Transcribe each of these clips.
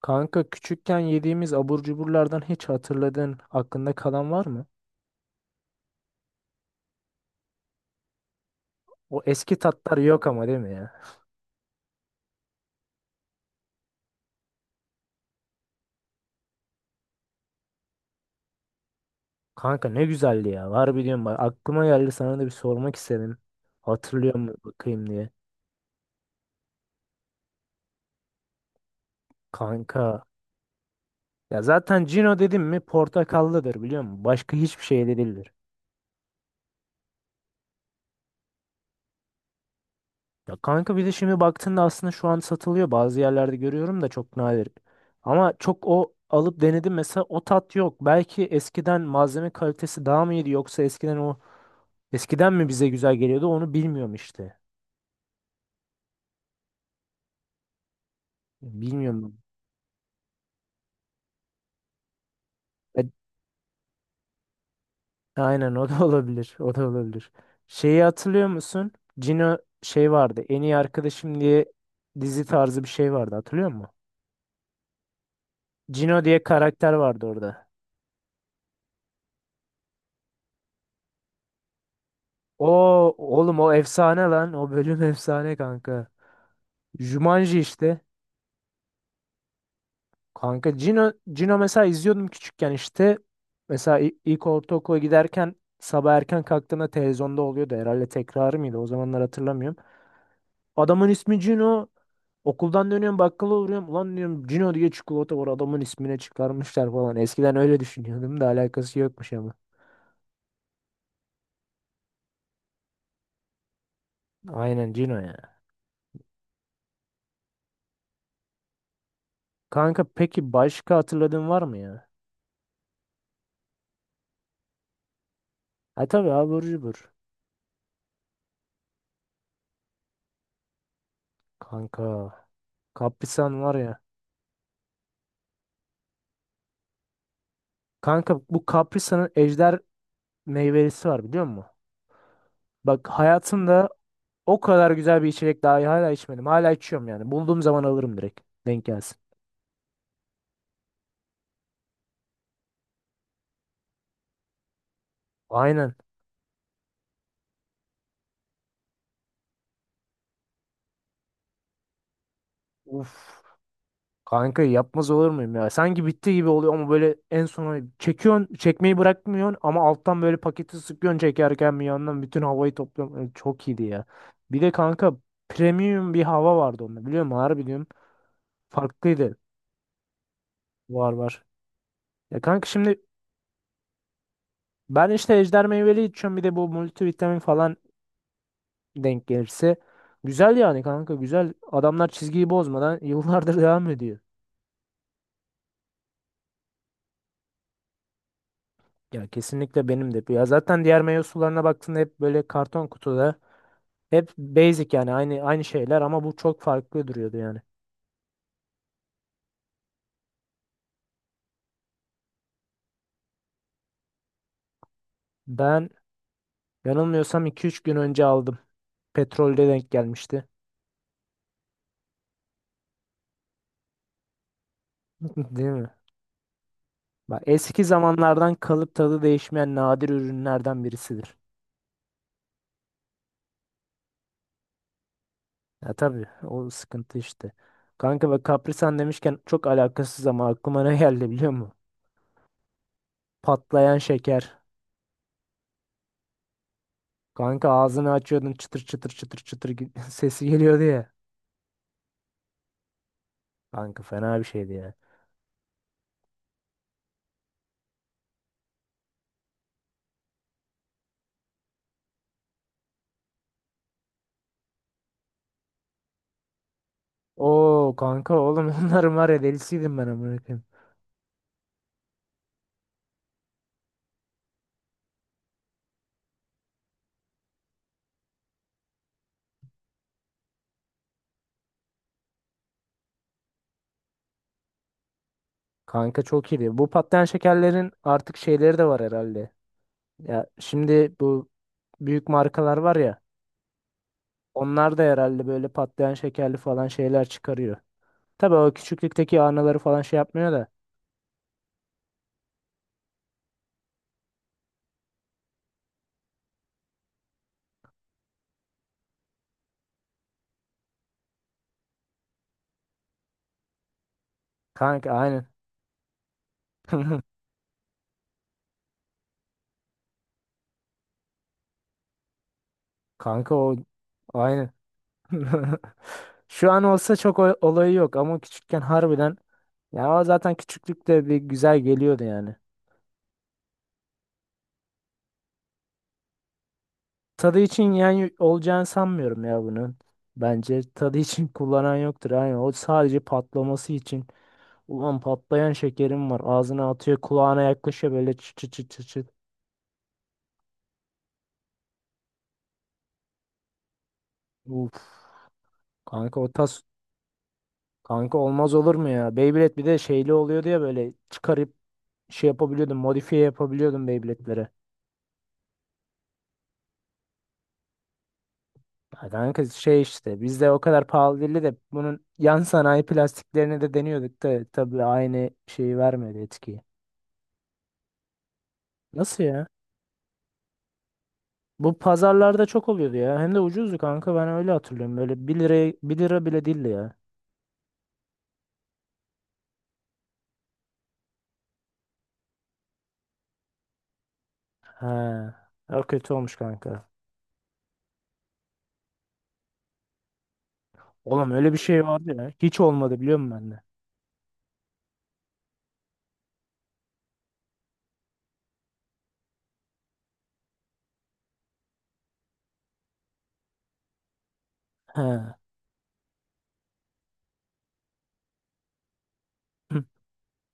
Kanka küçükken yediğimiz abur cuburlardan hiç hatırladığın aklında kalan var mı? O eski tatlar yok ama, değil mi ya? Kanka ne güzeldi ya. Var biliyorum, bak aklıma geldi, sana da bir sormak istedim. Hatırlıyor mu bakayım diye. Kanka, ya zaten Cino dedim mi portakallıdır, biliyor musun? Başka hiçbir şey de değildir. Ya kanka, bir de şimdi baktığında aslında şu an satılıyor. Bazı yerlerde görüyorum da çok nadir. Ama çok o alıp denedim, mesela o tat yok. Belki eskiden malzeme kalitesi daha mı iyiydi, yoksa eskiden o, eskiden mi bize güzel geliyordu, onu bilmiyorum işte. Bilmiyorum. E, Aynen, o da olabilir. O da olabilir. Şeyi hatırlıyor musun? Cino şey vardı. En iyi arkadaşım diye dizi tarzı bir şey vardı. Hatırlıyor musun? Cino diye karakter vardı orada. O, oğlum, o efsane lan. O bölüm efsane kanka. Jumanji işte. Kanka Cino mesela izliyordum küçükken işte. Mesela ilk ortaokula giderken sabah erken kalktığında televizyonda oluyordu. Herhalde tekrarı mıydı? O zamanlar hatırlamıyorum. Adamın ismi Cino. Okuldan dönüyorum, bakkala uğruyorum. Ulan diyorum, Cino diye çikolata var, adamın ismine çıkarmışlar falan. Eskiden öyle düşünüyordum da alakası yokmuş ama. Aynen, Cino ya. Kanka, peki başka hatırladığın var mı ya? Ha, tabii, abur cubur. Kanka. Kaprisan var ya. Kanka, bu Kaprisan'ın ejder meyvelisi var, biliyor musun? Bak, hayatımda o kadar güzel bir içecek daha hala içmedim. Hala içiyorum yani. Bulduğum zaman alırım direkt. Denk gelsin. Aynen. Uf. Kanka, yapmaz olur muyum ya? Sanki bitti gibi oluyor ama böyle en sona çekiyorsun, çekmeyi bırakmıyorsun ama alttan böyle paketi sıkıyorsun, çekerken bir yandan bütün havayı topluyorsun. Ay, çok iyiydi ya. Bir de kanka, premium bir hava vardı onda, biliyor musun? Harbi diyorum. Farklıydı. Var var. Ya kanka, şimdi ben işte ejder meyveli içiyorum, bir de bu multivitamin falan denk gelirse. Güzel yani kanka, güzel. Adamlar çizgiyi bozmadan yıllardır devam ediyor. Ya kesinlikle, benim de. Ya zaten diğer meyve sularına baktığında hep böyle karton kutuda. Hep basic yani, aynı şeyler, ama bu çok farklı duruyordu yani. Ben yanılmıyorsam iki üç gün önce aldım. Petrolde denk gelmişti. Değil mi? Bak, eski zamanlardan kalıp tadı değişmeyen nadir ürünlerden birisidir. Ya tabii, o sıkıntı işte. Kanka, ve kaprisan demişken çok alakasız ama aklıma ne geldi, biliyor musun? Patlayan şeker. Kanka, ağzını açıyordun, çıtır çıtır çıtır çıtır sesi geliyordu ya. Kanka, fena bir şeydi ya. Oo kanka, oğlum, onların var ya, delisiydim ben amına koyayım. Kanka, çok iyiydi. Bu patlayan şekerlerin artık şeyleri de var herhalde. Ya şimdi bu büyük markalar var ya. Onlar da herhalde böyle patlayan şekerli falan şeyler çıkarıyor. Tabii o küçüklükteki anıları falan şey yapmıyor da. Kanka aynen. Kanka o aynen. Şu an olsa çok olayı yok ama küçükken harbiden, ya o zaten küçüklükte bir güzel geliyordu yani. Tadı için yani olacağını sanmıyorum ya bunun. Bence tadı için kullanan yoktur. Yani o sadece patlaması için. Ulan, patlayan şekerim var. Ağzına atıyor, kulağına yaklaşıyor böyle, çıt çıt çıt çıt, çıt. Uf. Kanka o tas, kanka olmaz olur mu ya? Beyblade bir de şeyli oluyordu ya, böyle çıkarıp şey yapabiliyordum, modifiye yapabiliyordum Beyblade'lere. Ya kanka, şey işte bizde o kadar pahalı değildi de bunun yan sanayi plastiklerini de deniyorduk, da tabii aynı şeyi vermedi, etkiyi. Nasıl ya? Bu pazarlarda çok oluyordu ya. Hem de ucuzdu kanka. Ben öyle hatırlıyorum. Böyle bir liraya, bir lira bile değildi ya. He. Ya kötü olmuş kanka. Oğlum, öyle bir şey vardı ya. Hiç olmadı, biliyor musun bende? He.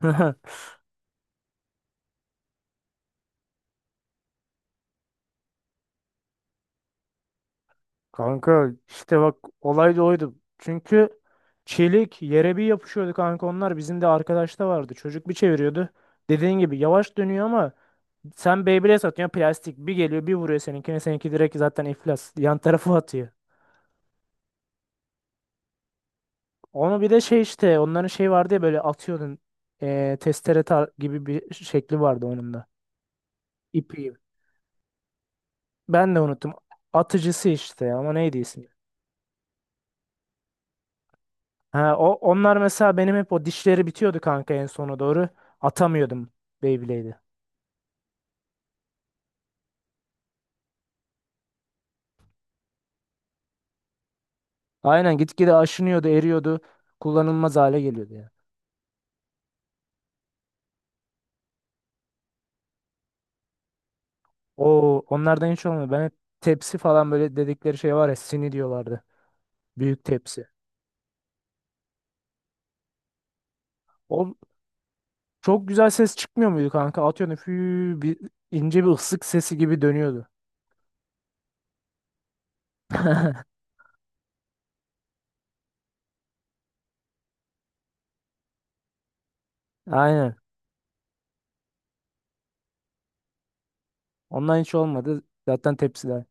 Kanka işte bak, olay da oydu. Çünkü çelik yere bir yapışıyordu kanka onlar. Bizim de arkadaşta vardı. Çocuk bir çeviriyordu. Dediğin gibi yavaş dönüyor ama sen Beyblade satıyorsun plastik. Bir geliyor, bir vuruyor seninkine. Seninki direkt zaten iflas. Yan tarafı atıyor. Onu bir de şey işte, onların şey vardı ya böyle, atıyordun. Testere gibi bir şekli vardı onun da. İpi. Ben de unuttum. Atıcısı işte, ama neydi ismi? Ha, o, onlar mesela benim hep o dişleri bitiyordu kanka en sona doğru. Atamıyordum Beyblade'i. Aynen, gitgide aşınıyordu, eriyordu. Kullanılmaz hale geliyordu ya. O onlardan hiç olmadı. Ben hep tepsi falan, böyle dedikleri şey var ya, sini diyorlardı. Büyük tepsi. O, çok güzel ses çıkmıyor muydu kanka? Atıyorsun, fü, bir ince bir ıslık sesi gibi dönüyordu. Aynen. Ondan hiç olmadı. Zaten tepsiler.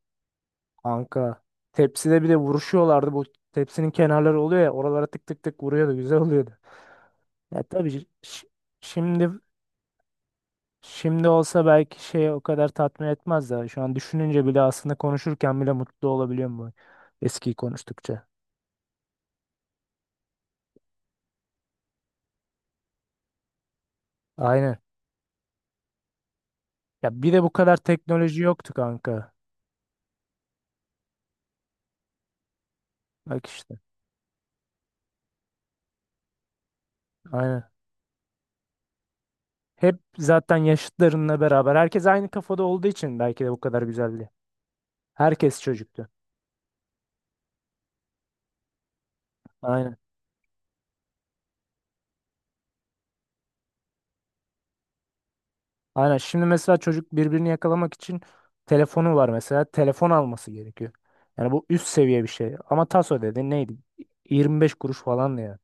Kanka. Tepside bir de vuruşuyorlardı. Bu tepsinin kenarları oluyor ya. Oralara tık tık tık vuruyordu. Güzel oluyordu. Ya tabii şimdi şimdi olsa belki şey o kadar tatmin etmez de. Şu an düşününce bile, aslında konuşurken bile mutlu olabiliyorum bu eskiyi konuştukça. Aynen. Ya bir de bu kadar teknoloji yoktu kanka. Bak işte. Aynen. Hep zaten yaşıtlarınla beraber. Herkes aynı kafada olduğu için belki de bu kadar güzeldi. Herkes çocuktu. Aynen. Aynen. Şimdi mesela çocuk birbirini yakalamak için telefonu var mesela. Telefon alması gerekiyor. Yani bu üst seviye bir şey. Ama taso, dedi neydi? 25 kuruş falan ya.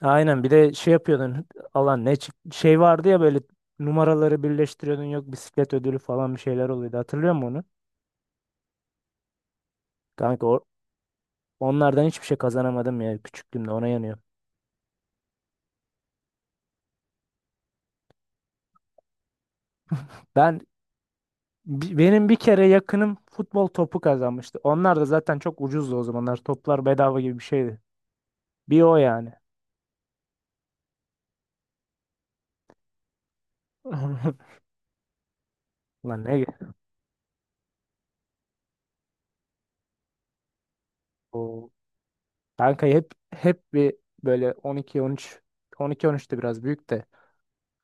Aynen, bir de şey yapıyordun, alan ne şey vardı ya böyle, numaraları birleştiriyordun, yok bisiklet ödülü falan bir şeyler oluyordu, hatırlıyor musun onu? Kanka onlardan hiçbir şey kazanamadım ya küçüklüğümde, ona yanıyor. Ben, benim bir kere yakınım futbol topu kazanmıştı. Onlar da zaten çok ucuzdu o zamanlar. Toplar bedava gibi bir şeydi. Bir o yani. Lan ne? O kanka, hep bir böyle 12 13, 12 13 de biraz büyük de,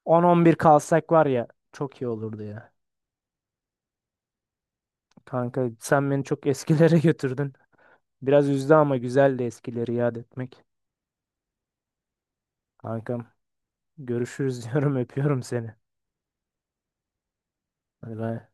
10 11 kalsak var ya, çok iyi olurdu ya. Kanka sen beni çok eskilere götürdün. Biraz üzdü ama güzeldi eskileri yad etmek. Kankam, görüşürüz diyorum, öpüyorum seni. Hadi bay.